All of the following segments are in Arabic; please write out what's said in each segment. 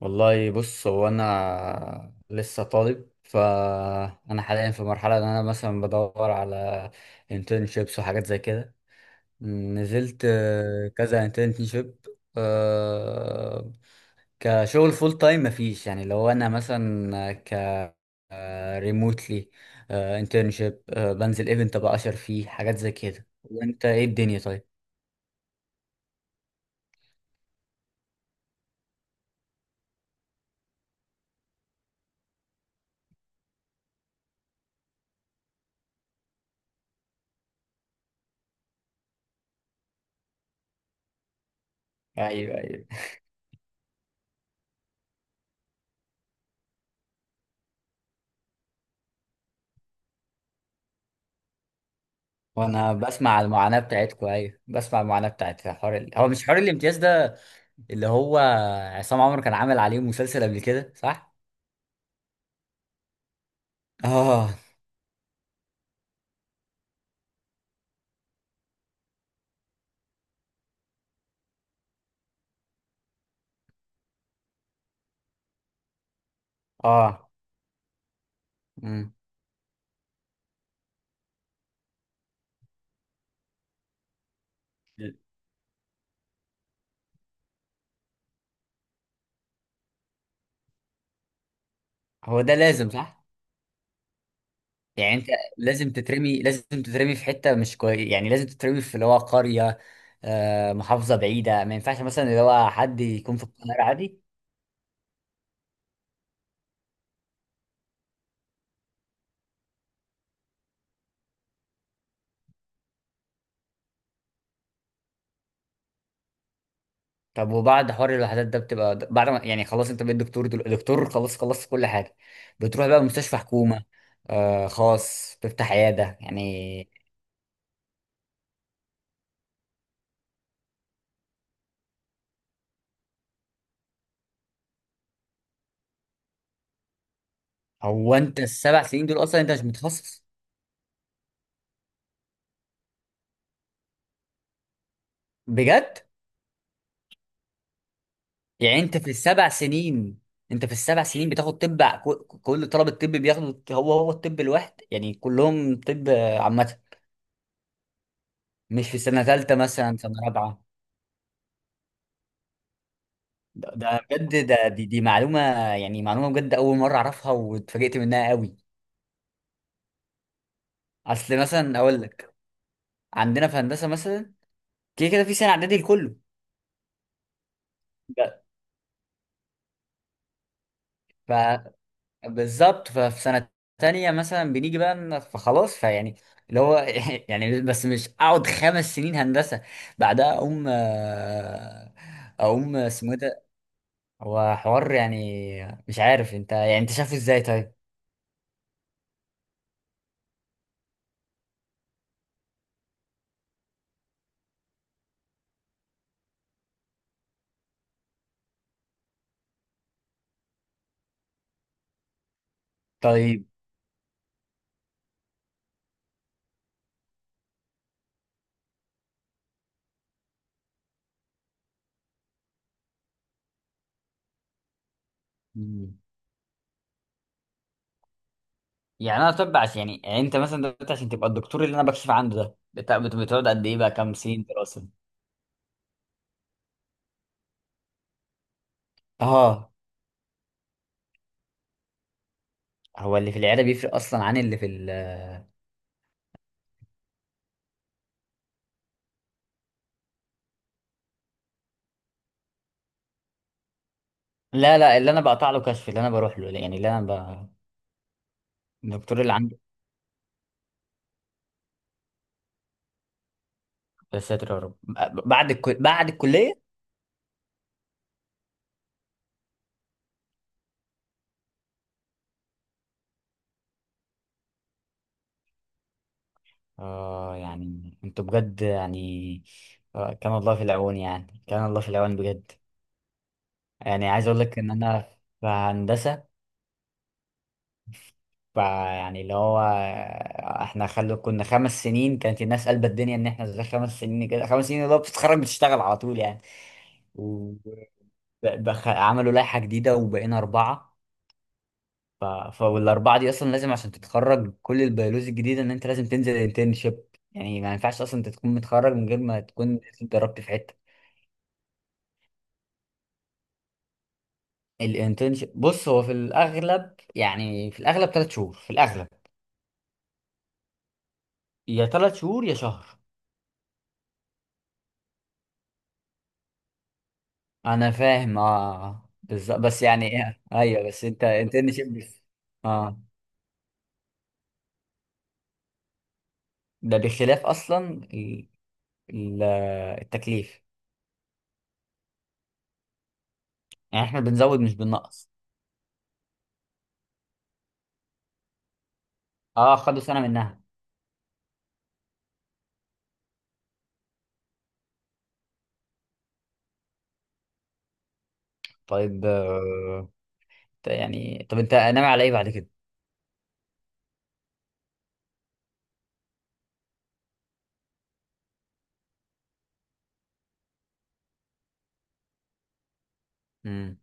والله بص، هو انا لسه طالب، فانا حاليا في مرحله ان انا مثلا بدور على internships وحاجات زي كده. نزلت كذا internship آه، كشغل فول تايم مفيش. يعني لو انا مثلا ريموتلي internship بنزل ايفنت ابقى اشر فيه حاجات زي كده. وانت ايه الدنيا؟ طيب. ايوه ايوه. وانا بسمع المعاناة بتاعتكم، ايوه بسمع المعاناة بتاعت حوار ال... هو مش حوار الامتياز ده، اللي هو عصام عمر كان عامل عليه مسلسل قبل كده، صح؟ اه اه. امم. هو ده لازم، صح؟ يعني انت لازم تترمي في حتة مش كويس، يعني لازم تترمي في اللي هو قرية محافظة بعيدة. ما ينفعش مثلا اللي هو حد يكون في القاهرة عادي؟ طب وبعد حوار الوحدات ده بتبقى بعد ما يعني خلاص انت بقيت دكتور دكتور، خلاص خلصت كل حاجه. بتروح بقى مستشفى حكومه خاص، تفتح عياده يعني. هو انت السبع سنين دول اصلا انت مش متخصص؟ بجد؟ يعني انت في السبع سنين، انت في السبع سنين بتاخد طب كل طلبه الطب بياخدوا هو الطب الواحد، يعني كلهم طب عامه؟ مش في سنه ثالثه مثلا سنه رابعه؟ ده بجد ده. دي معلومه، يعني معلومه بجد اول مره اعرفها واتفاجئت منها قوي. اصل مثلا اقول لك، عندنا في هندسه مثلا كده كده في سنه اعدادي لكله. ب- فبالظبط ففي سنه تانية مثلا بنيجي بقى فخلاص فيعني اللي هو يعني بس مش اقعد خمس سنين هندسه، بعدها اقوم اقوم اسمه إيه ده. هو حوار يعني مش عارف، انت يعني انت شايفه ازاي طيب؟ طيب. مم. يعني انا طب عشان يعني يعني انت مثلا دلوقتي عشان تبقى الدكتور اللي انا بكشف عنده ده بتقعد قد ايه بقى كام سنين دراسه؟ اه. هو اللي في العياده بيفرق اصلا عن اللي في ال... لا لا، اللي انا بقطع له كشف، اللي انا بروح له يعني اللي انا ب... الدكتور اللي عندي. يا ساتر يا رب، بعد الكل... بعد الكليه؟ اه. يعني انتوا بجد يعني، كان الله في العون، يعني كان الله في العون بجد. يعني عايز اقول لك ان انا في هندسه، يعني اللي هو احنا خلو كنا خمس سنين، كانت الناس قلبت الدنيا ان احنا ازاي خمس سنين كده. خمس سنين اللي هو بتتخرج بتشتغل على طول يعني. و... بخ... عملوا لائحة جديدة وبقينا أربعة. ف... فالاربعه دي اصلا لازم عشان تتخرج كل البيولوجي الجديده ان انت لازم تنزل انترنشيب، يعني ما ينفعش اصلا انت تكون متخرج من غير ما تكون اتدربت في حته. الانترنشيب بص، هو في الاغلب، يعني في الاغلب ثلاث شهور في الاغلب. يا ثلاث شهور يا شهر. انا فاهم اه بالظبط، بس يعني إيه؟ ايوه بس انت انترنشيب بس. اه ده بخلاف اصلا ال- ال- التكليف. يعني احنا بنزود مش بننقص. اه، خدوا سنه منها. طيب يعني طب انت ناوي على ايه بعد كده؟ امم.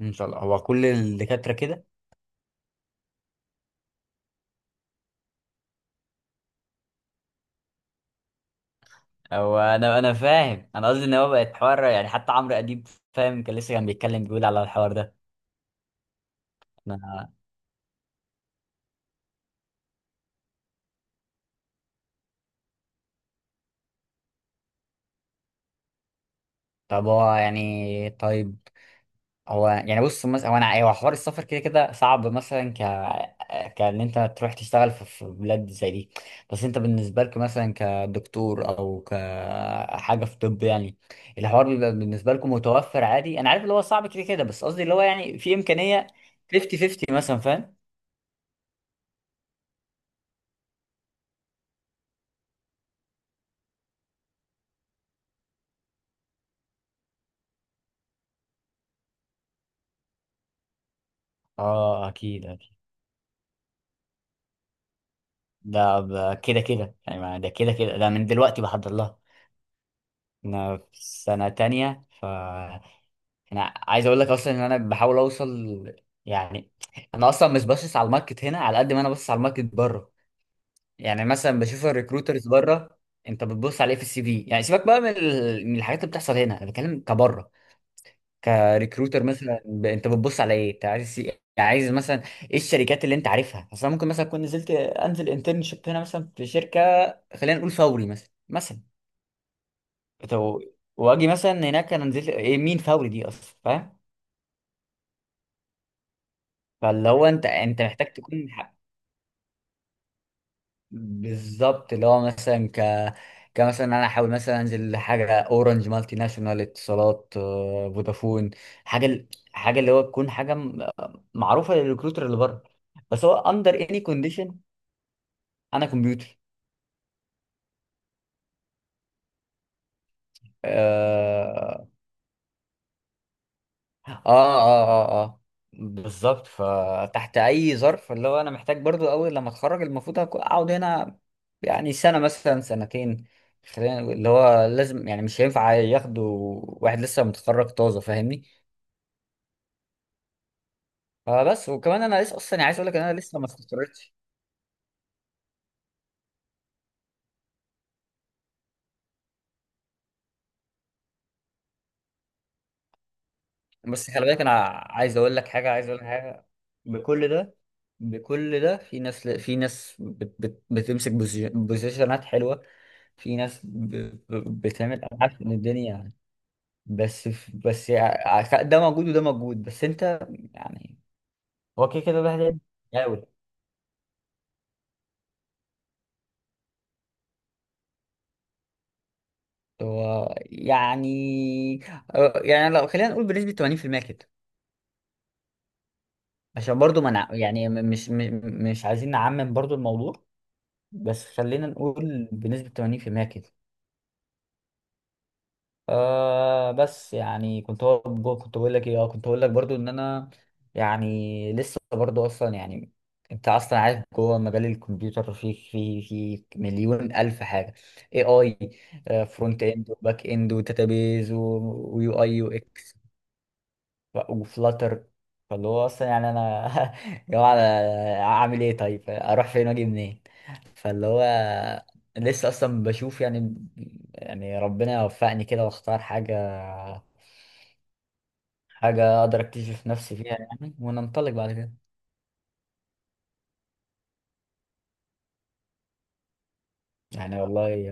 ان شاء الله. هو كل الدكاتره كده؟ هو انا فاهم، انا قصدي ان هو بقت حوار يعني حتى عمرو اديب فاهم كان لسه كان بيتكلم بيقول على الحوار ده. أنا- طب هو يعني طيب، هو يعني بص مثلا هو انا هو حوار السفر كده كده صعب، مثلا كان انت تروح تشتغل في بلاد زي دي. بس انت بالنسبه لك مثلا كدكتور او كحاجه في طب يعني الحوار بيبقى بالنسبه لكم متوفر عادي. انا عارف اللي هو صعب كده كده، بس قصدي اللي هو يعني في امكانيه 50 50 مثلا، فاهم؟ اه اكيد اكيد. كده كده يعني، ده كده كده ده، من دلوقتي بحضر لها. انا في سنه تانية، ف انا عايز اقول لك اصلا ان انا بحاول اوصل يعني. انا اصلا مش باصص على الماركت هنا على قد ما انا باصص على الماركت بره. يعني مثلا بشوف الريكروترز بره. انت بتبص على ايه في السي في يعني؟ سيبك بقى من من الحاجات اللي بتحصل هنا، انا بتكلم كبره كريكروتر مثلا. ب... انت بتبص على ايه؟ انت عايز سي... يعني عايز مثلا ايه الشركات اللي انت عارفها اصلا؟ ممكن مثلا اكون نزلت انزل انترنشيب هنا مثلا في شركه، خلينا نقول فوري مثلا مثلا. طب واجي مثلا هناك، انا نزلت ايه؟ مين فوري دي اصلا، فاهم؟ فاللي هو انت محتاج تكون بالظبط اللي هو مثلا كمثلا انا احاول مثلا انزل حاجه اورنج مالتي ناشونال، اتصالات، فودافون. حاجه حاجه اللي هو تكون حاجه معروفه للريكروتر اللي بره. بس هو اندر اني كونديشن، انا كمبيوتر. آه، اه اه اه اه بالظبط. فتحت اي ظرف اللي هو انا محتاج برضو اول لما اتخرج المفروض اقعد هنا، يعني سنه مثلا سنتين. خلينا نقول اللي هو لازم، يعني مش هينفع ياخدوا واحد لسه متخرج طازه، فاهمني؟ فبس وكمان انا لسه اصلا يعني عايز اقول لك ان انا لسه ما استقريتش. بس خلي بالك، انا عايز اقول لك حاجه، عايز اقول لك حاجه، بكل ده. بكل ده في ناس، في ناس بت بت بتمسك بوزيشنات حلوه، في ناس بتعمل ابحاث ان الدنيا. بس بس ده موجود وده موجود، بس انت يعني. هو كده كده الواحد يحاول. هو يعني يعني لو خلينا نقول بنسبة 80% كده. عشان برضو ما نع... يعني مش مش عايزين نعمم برضو الموضوع، بس خلينا نقول بنسبة 80% كده. آه بس يعني كنت هو كنت بقول لك ايه؟ اه كنت بقول لك برضو ان انا يعني لسه برضو اصلا يعني انت اصلا عارف جوه مجال الكمبيوتر في مليون الف حاجه. اي اي فرونت اند وباك اند وداتابيز ويو اي يو اكس، وفلاتر. فاللي هو اصلا يعني انا يا على اعمل ايه طيب؟ اروح فين واجي منين؟ فاللي هو لسه اصلا بشوف يعني. يعني ربنا يوفقني كده واختار حاجه، حاجه اقدر اكتشف نفسي فيها يعني، وننطلق بعد كده يعني. والله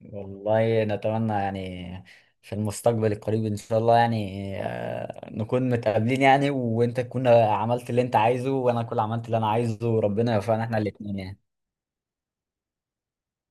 والله نتمنى يعني في المستقبل القريب ان شاء الله يعني نكون متقابلين، يعني وانت تكون عملت اللي انت عايزه وانا اكون عملت اللي انا عايزه وربنا يوفقنا احنا الاتنين يعني.